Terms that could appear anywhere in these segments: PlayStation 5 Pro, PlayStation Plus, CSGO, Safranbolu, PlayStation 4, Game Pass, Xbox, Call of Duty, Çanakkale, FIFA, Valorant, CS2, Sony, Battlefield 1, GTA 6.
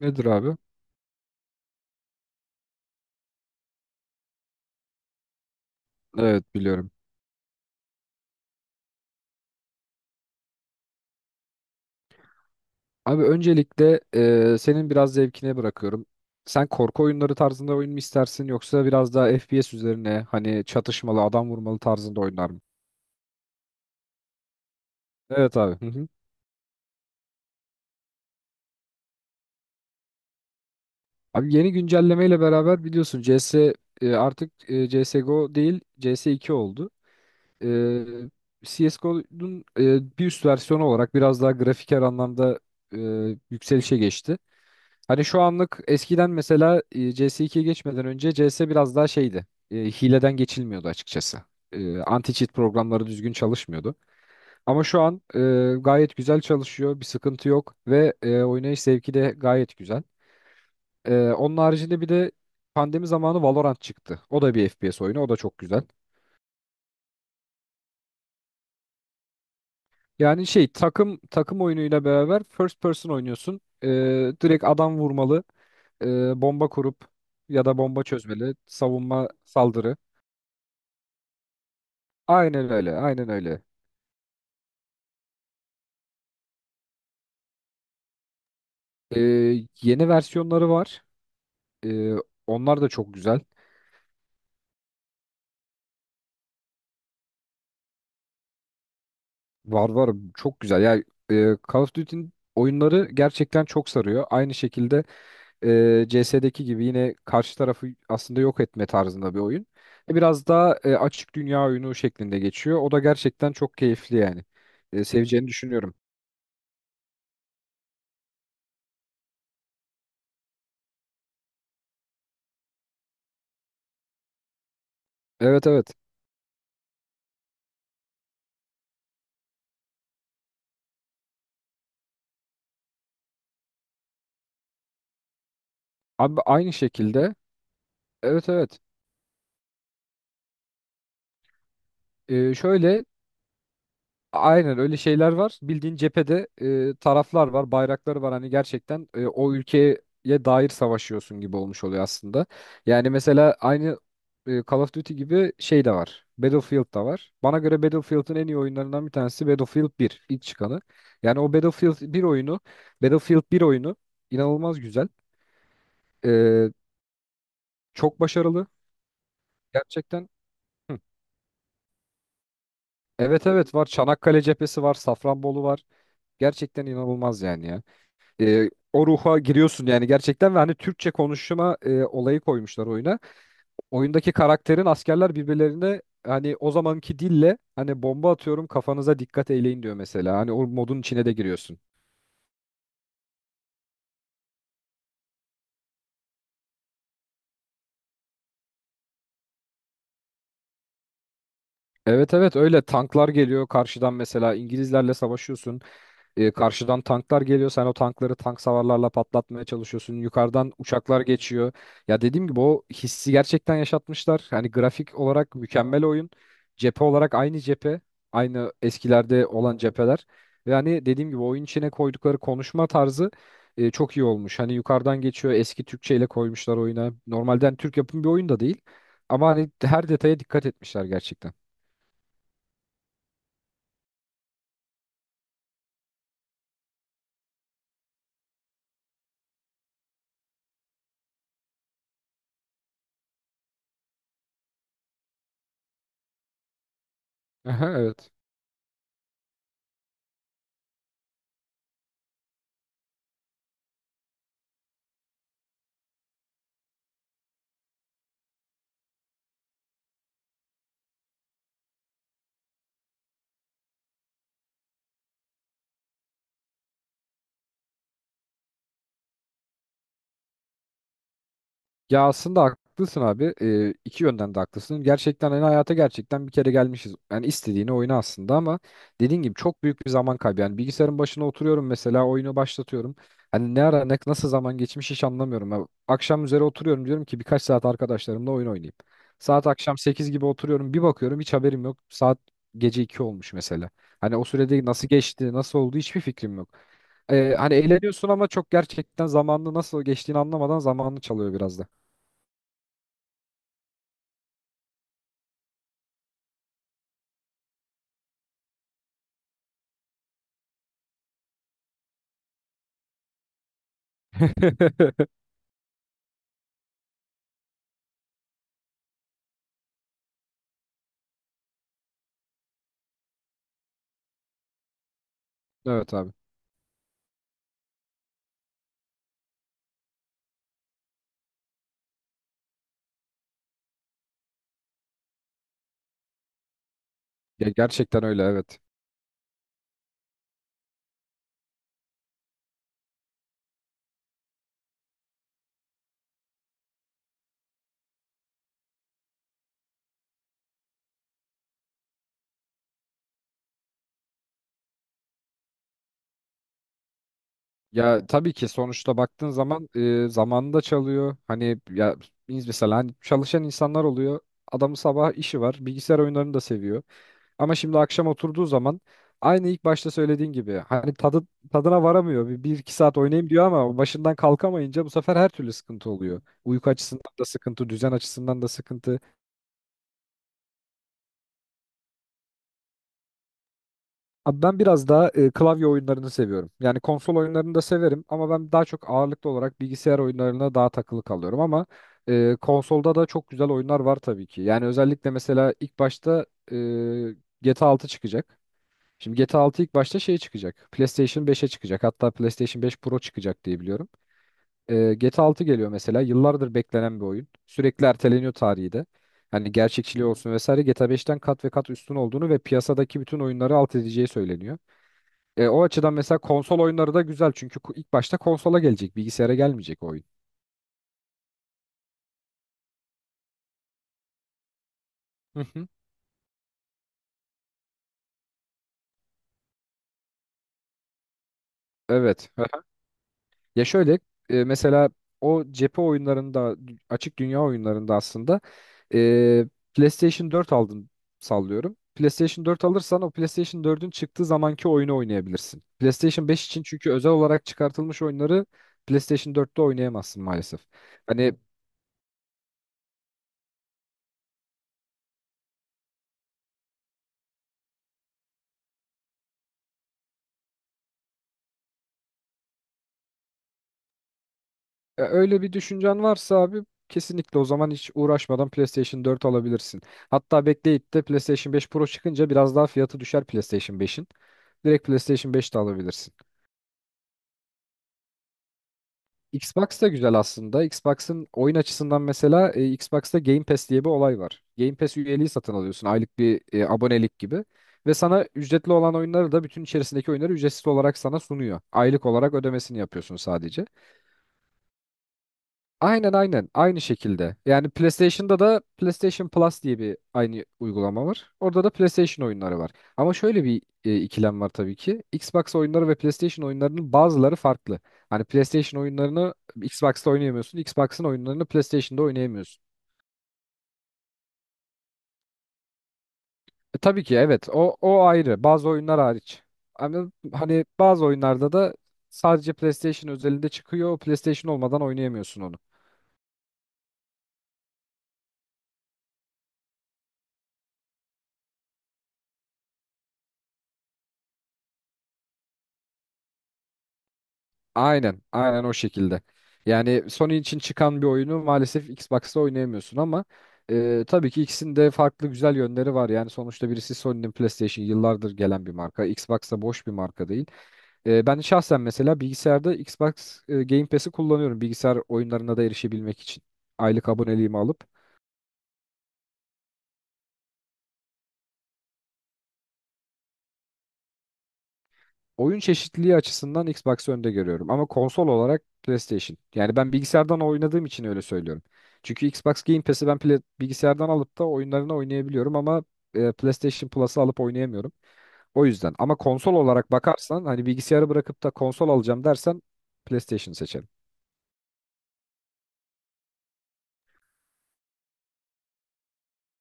Nedir abi? Evet biliyorum. Abi öncelikle senin biraz zevkine bırakıyorum. Sen korku oyunları tarzında oyun mu istersin yoksa biraz daha FPS üzerine hani çatışmalı adam vurmalı tarzında oyunlar mı? Evet abi. Hı hı. Abi yeni güncellemeyle beraber biliyorsun CS artık CSGO değil CS2 oldu. E, CSGO'nun bir üst versiyonu olarak biraz daha grafiker anlamda e, yükselişe geçti. Hani şu anlık eskiden mesela CS2'ye geçmeden önce CS biraz daha şeydi. Hileden geçilmiyordu açıkçası. Anti-cheat programları düzgün çalışmıyordu. Ama şu an gayet güzel çalışıyor. Bir sıkıntı yok ve oynayış zevki de gayet güzel. Onun haricinde bir de pandemi zamanı Valorant çıktı. O da bir FPS oyunu. O da çok güzel. Yani şey takım takım oyunuyla beraber first person oynuyorsun. Direkt adam vurmalı, bomba kurup ya da bomba çözmeli, savunma saldırı. Aynen öyle, aynen öyle. Ee, Yeni versiyonları var. Ee, Onlar da çok güzel. Var var, çok güzel. Ya Call of Duty'nin oyunları gerçekten çok sarıyor. Aynı şekilde CS'deki gibi yine karşı tarafı aslında yok etme tarzında bir oyun. Biraz daha açık dünya oyunu şeklinde geçiyor. O da gerçekten çok keyifli yani. Seveceğini düşünüyorum. Evet evet. Abi aynı şekilde. Evet evet. Şöyle aynen öyle şeyler var. Bildiğin cephede taraflar var, bayrakları var. Hani gerçekten o ülkeye dair savaşıyorsun gibi olmuş oluyor aslında. Yani mesela aynı Call of Duty gibi şey de var. Battlefield da var. Bana göre Battlefield'ın en iyi oyunlarından bir tanesi Battlefield 1, ilk çıkanı. Yani o Battlefield 1 oyunu inanılmaz güzel. E, Çok başarılı gerçekten. Hı. Evet evet var. Çanakkale cephesi var, Safranbolu var. Gerçekten inanılmaz yani ya. O ruha giriyorsun yani gerçekten ve hani Türkçe konuşma olayı koymuşlar oyuna. Oyundaki karakterin askerler birbirlerine hani o zamanki dille hani bomba atıyorum kafanıza dikkat eyleyin diyor mesela. Hani o modun içine de giriyorsun. Evet evet öyle tanklar geliyor karşıdan mesela İngilizlerle savaşıyorsun. Karşıdan tanklar geliyor. Sen o tankları tank savarlarla patlatmaya çalışıyorsun. Yukarıdan uçaklar geçiyor. Ya dediğim gibi o hissi gerçekten yaşatmışlar. Hani grafik olarak mükemmel oyun. Cephe olarak aynı cephe. Aynı eskilerde olan cepheler. Ve hani dediğim gibi oyun içine koydukları konuşma tarzı çok iyi olmuş. Hani yukarıdan geçiyor. Eski Türkçe ile koymuşlar oyuna. Normalden Türk yapımı bir oyun da değil. Ama hani her detaya dikkat etmişler gerçekten. Aha, evet. Ya aslında haklısın abi. İki yönden de haklısın. Gerçekten hani hayata gerçekten bir kere gelmişiz. Yani istediğini oyna aslında ama dediğin gibi çok büyük bir zaman kaybı. Yani bilgisayarın başına oturuyorum mesela oyunu başlatıyorum. Hani ne ara nasıl zaman geçmiş hiç anlamıyorum. Ya akşam üzere oturuyorum diyorum ki birkaç saat arkadaşlarımla oyun oynayayım. Saat akşam 8 gibi oturuyorum bir bakıyorum hiç haberim yok. Saat gece 2 olmuş mesela. Hani o sürede nasıl geçti nasıl oldu hiçbir fikrim yok. Hani eğleniyorsun ama çok gerçekten zamanını nasıl geçtiğini anlamadan zamanını çalıyor biraz da. Evet abi. Ya gerçekten öyle evet. Ya tabii ki sonuçta baktığın zaman zamanında çalıyor. Hani ya biz mesela hani çalışan insanlar oluyor. Adamın sabah işi var. Bilgisayar oyunlarını da seviyor. Ama şimdi akşam oturduğu zaman aynı ilk başta söylediğin gibi hani tadı tadına varamıyor. Bir iki saat oynayayım diyor ama başından kalkamayınca bu sefer her türlü sıkıntı oluyor. Uyku açısından da sıkıntı, düzen açısından da sıkıntı. Abi ben biraz daha klavye oyunlarını seviyorum. Yani konsol oyunlarını da severim ama ben daha çok ağırlıklı olarak bilgisayar oyunlarına daha takılı kalıyorum ama konsolda da çok güzel oyunlar var tabii ki. Yani özellikle mesela ilk başta e, GTA 6 çıkacak. Şimdi GTA 6 ilk başta şey çıkacak. PlayStation 5'e çıkacak. Hatta PlayStation 5 Pro çıkacak diye biliyorum. GTA 6 geliyor mesela. Yıllardır beklenen bir oyun. Sürekli erteleniyor tarihi de. Hani gerçekçiliği olsun vesaire GTA 5'ten kat ve kat üstün olduğunu ve piyasadaki bütün oyunları alt edeceği söyleniyor. O açıdan mesela konsol oyunları da güzel çünkü ilk başta konsola gelecek, bilgisayara gelmeyecek o oyun. Hı hı. Evet. Hı hı. Ya şöyle mesela o cephe oyunlarında, açık dünya oyunlarında aslında e, PlayStation 4 aldın sallıyorum. PlayStation 4 alırsan o PlayStation 4'ün çıktığı zamanki oyunu oynayabilirsin. PlayStation 5 için çünkü özel olarak çıkartılmış oyunları PlayStation 4'te oynayamazsın maalesef. Hani ya öyle bir düşüncen varsa abi kesinlikle o zaman hiç uğraşmadan PlayStation 4 alabilirsin. Hatta bekleyip de PlayStation 5 Pro çıkınca biraz daha fiyatı düşer PlayStation 5'in. Direkt PlayStation 5 de alabilirsin. Xbox da güzel aslında. Xbox'ın oyun açısından mesela Xbox'ta Game Pass diye bir olay var. Game Pass üyeliği satın alıyorsun aylık bir abonelik gibi. Ve sana ücretli olan oyunları da bütün içerisindeki oyunları ücretsiz olarak sana sunuyor. Aylık olarak ödemesini yapıyorsun sadece. Aynen, aynen, aynı şekilde. Yani PlayStation'da da PlayStation Plus diye bir aynı uygulama var. Orada da PlayStation oyunları var. Ama şöyle bir ikilem var tabii ki. Xbox oyunları ve PlayStation oyunlarının bazıları farklı. Hani PlayStation oyunlarını Xbox'ta oynayamıyorsun, Xbox'ın oyunlarını PlayStation'da oynayamıyorsun. Tabii ki evet o ayrı. Bazı oyunlar hariç. Ama hani bazı oyunlarda da sadece PlayStation özelinde çıkıyor. PlayStation olmadan oynayamıyorsun onu. Aynen, aynen o şekilde. Yani Sony için çıkan bir oyunu maalesef Xbox'ta oynayamıyorsun ama tabii ki ikisinin de farklı güzel yönleri var. Yani sonuçta birisi Sony'nin PlayStation yıllardır gelen bir marka. Xbox'ta boş bir marka değil. Ben şahsen mesela bilgisayarda Xbox Game Pass'i kullanıyorum bilgisayar oyunlarına da erişebilmek için. Aylık aboneliğimi alıp oyun çeşitliliği açısından Xbox'ı önde görüyorum. Ama konsol olarak PlayStation. Yani ben bilgisayardan oynadığım için öyle söylüyorum. Çünkü Xbox Game Pass'i ben bilgisayardan alıp da oyunlarını oynayabiliyorum ama PlayStation Plus'ı alıp oynayamıyorum. O yüzden. Ama konsol olarak bakarsan hani bilgisayarı bırakıp da konsol alacağım dersen PlayStation seçerim.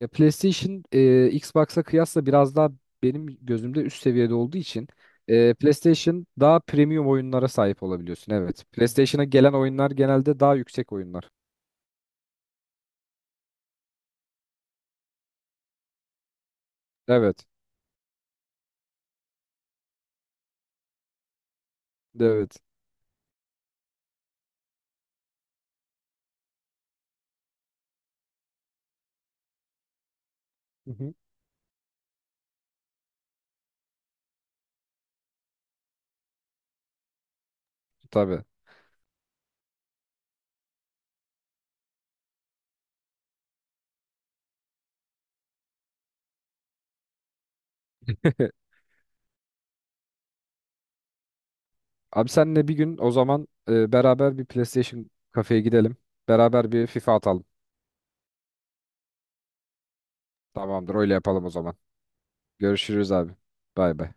Ya PlayStation Xbox'a kıyasla biraz daha benim gözümde üst seviyede olduğu için PlayStation daha premium oyunlara sahip olabiliyorsun. Evet. PlayStation'a gelen oyunlar genelde daha yüksek oyunlar. Evet. Evet. Hı hı. Tabii. Abi senle bir gün o zaman beraber bir PlayStation kafeye gidelim. Beraber bir FIFA atalım. Tamamdır öyle yapalım o zaman. Görüşürüz abi. Bay bay.